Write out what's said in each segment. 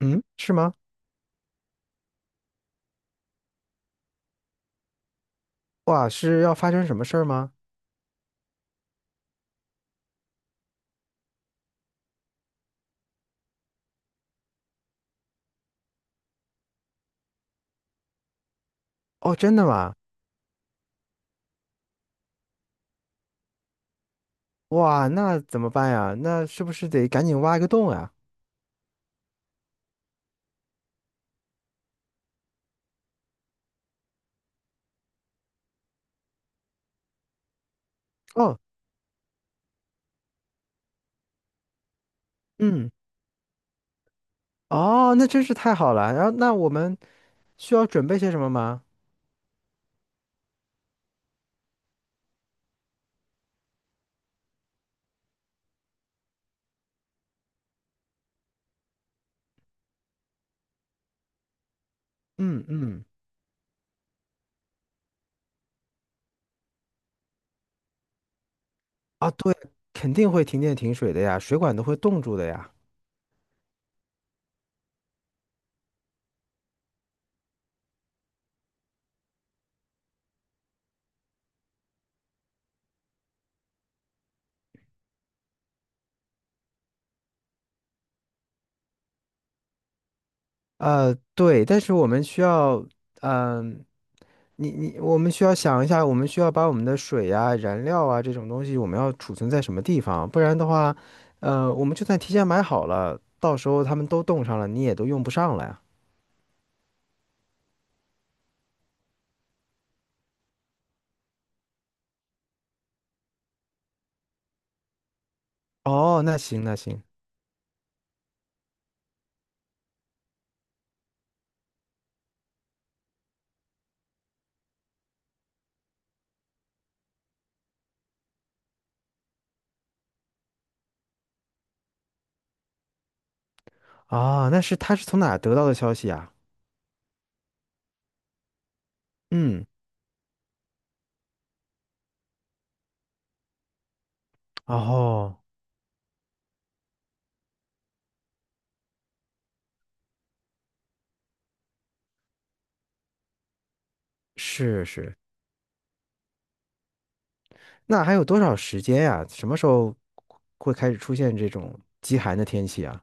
嗯，是吗？哇，是要发生什么事儿吗？哦，真的吗？哇，那怎么办呀？那是不是得赶紧挖一个洞呀？哦，嗯，哦，那真是太好了。然后，那我们需要准备些什么吗？嗯嗯，啊，对，肯定会停电停水的呀，水管都会冻住的呀。呃，对，但是我们需要，嗯、你，我们需要想一下，我们需要把我们的水呀、燃料啊这种东西，我们要储存在什么地方？不然的话，呃，我们就算提前买好了，到时候他们都冻上了，你也都用不上了呀。哦，那行那行，啊、那是他是从哪儿得到的消息啊？嗯，哦，是是，那还有多少时间呀、什么时候会开始出现这种极寒的天气啊？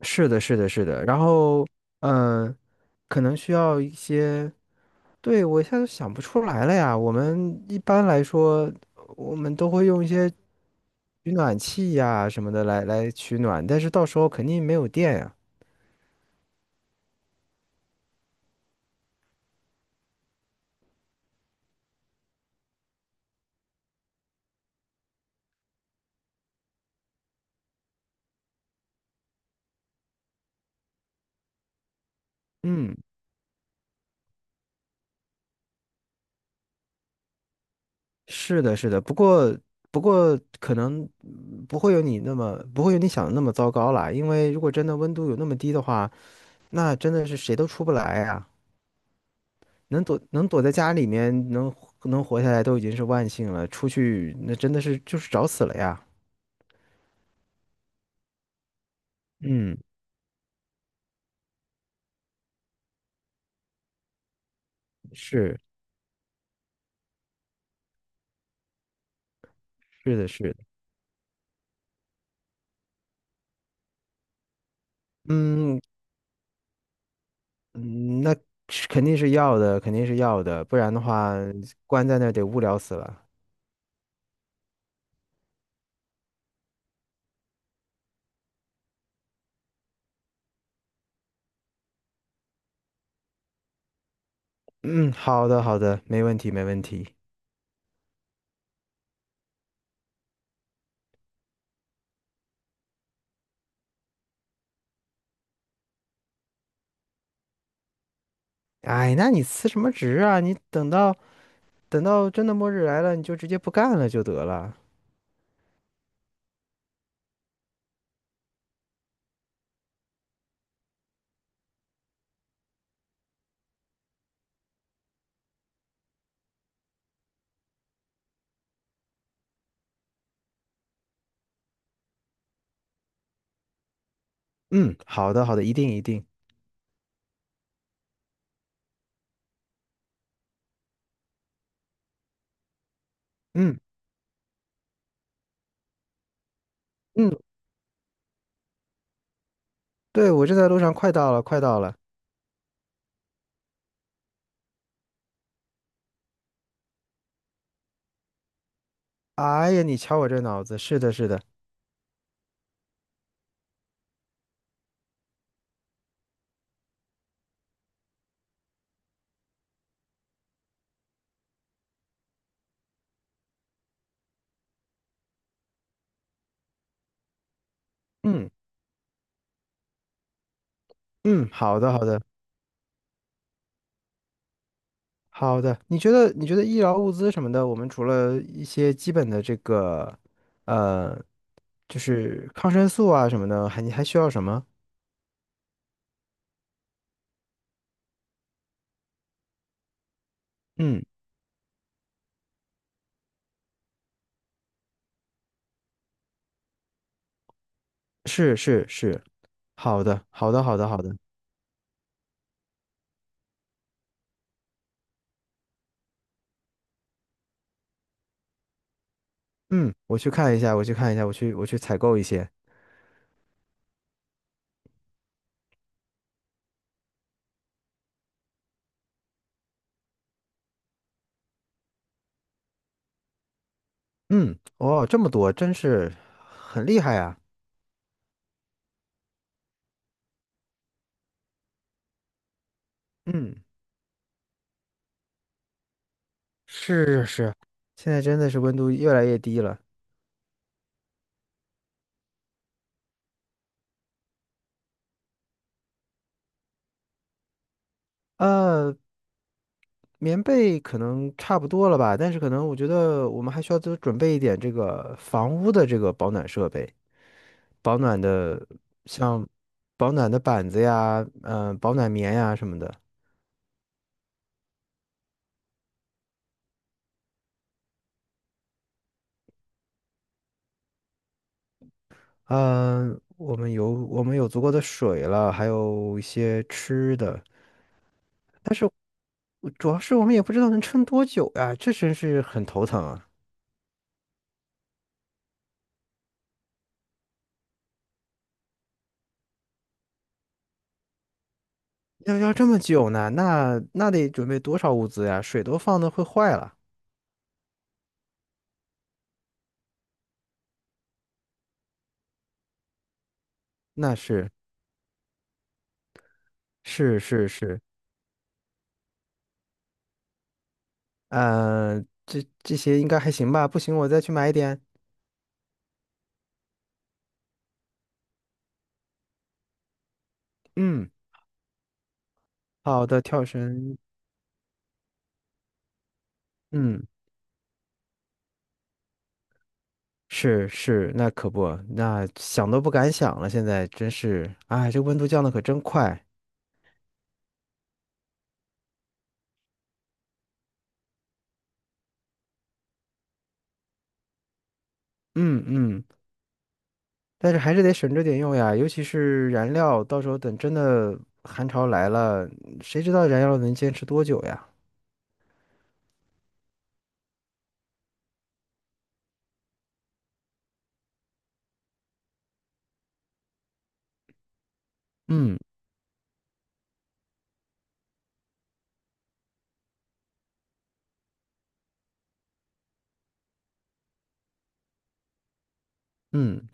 是的，是的，是的。然后，嗯，可能需要一些，对，我现在想不出来了呀。我们一般来说，我们都会用一些取暖器呀什么的来取暖，但是到时候肯定没有电呀。嗯，是的，是的。不过，不过可能不会有你那么，不会有你想的那么糟糕啦。因为如果真的温度有那么低的话，那真的是谁都出不来呀。能躲在家里面能活下来都已经是万幸了，出去那真的是就是找死了呀。嗯，是是的，是的，嗯嗯，那是肯定是要的，肯定是要的，不然的话关在那儿得无聊死了。嗯，好的好的，没问题没问题。哎，那你辞什么职啊？你等到等到真的末日来了，你就直接不干了就得了。嗯，好的好的，一定一定。嗯嗯，对，我正在路上，快到了快到了。哎呀，你瞧我这脑子，是的，是的，嗯嗯，好的，好的，好的。你觉得医疗物资什么的，我们除了一些基本的这个，呃，就是抗生素啊什么的，还你还需要什么？嗯，是是是，好的，好的，好的，好的。嗯，我去看一下，我去采购一些。嗯，哦，这么多，真是很厉害啊。嗯，是是是，现在真的是温度越来越低了。呃，棉被可能差不多了吧，但是可能我觉得我们还需要多准备一点这个房屋的这个保暖设备，保暖的像保暖的板子呀，保暖棉呀什么的。嗯、我们有足够的水了，还有一些吃的。我主要是我们也不知道能撑多久呀，这真是很头疼啊！要要这么久呢，那那得准备多少物资呀？水都放的会坏了。那是是是是。呃，这这些应该还行吧？不行，我再去买一点。嗯，好的，跳绳。嗯，是是，那可不，那想都不敢想了。现在真是，哎，这温度降的可真快。嗯嗯，但是还是得省着点用呀，尤其是燃料，到时候等真的寒潮来了，谁知道燃料能坚持多久呀？嗯嗯，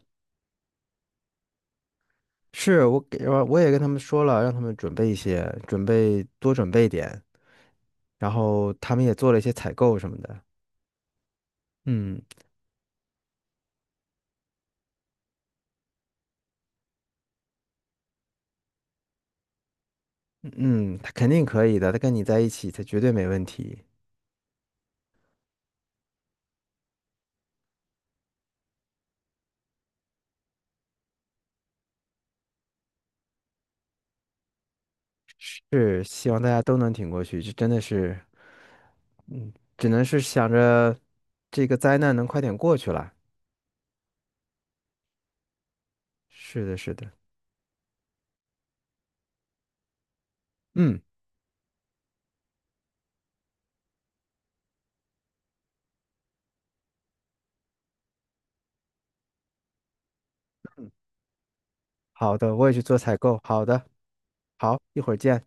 是我给我我也跟他们说了，让他们准备一些，准备多准备一点，然后他们也做了一些采购什么的。嗯嗯，他肯定可以的，他跟你在一起，他绝对没问题。是，希望大家都能挺过去，这真的是，嗯，只能是想着这个灾难能快点过去了。是的，是的，嗯，好的，我也去做采购。好的，好，一会儿见。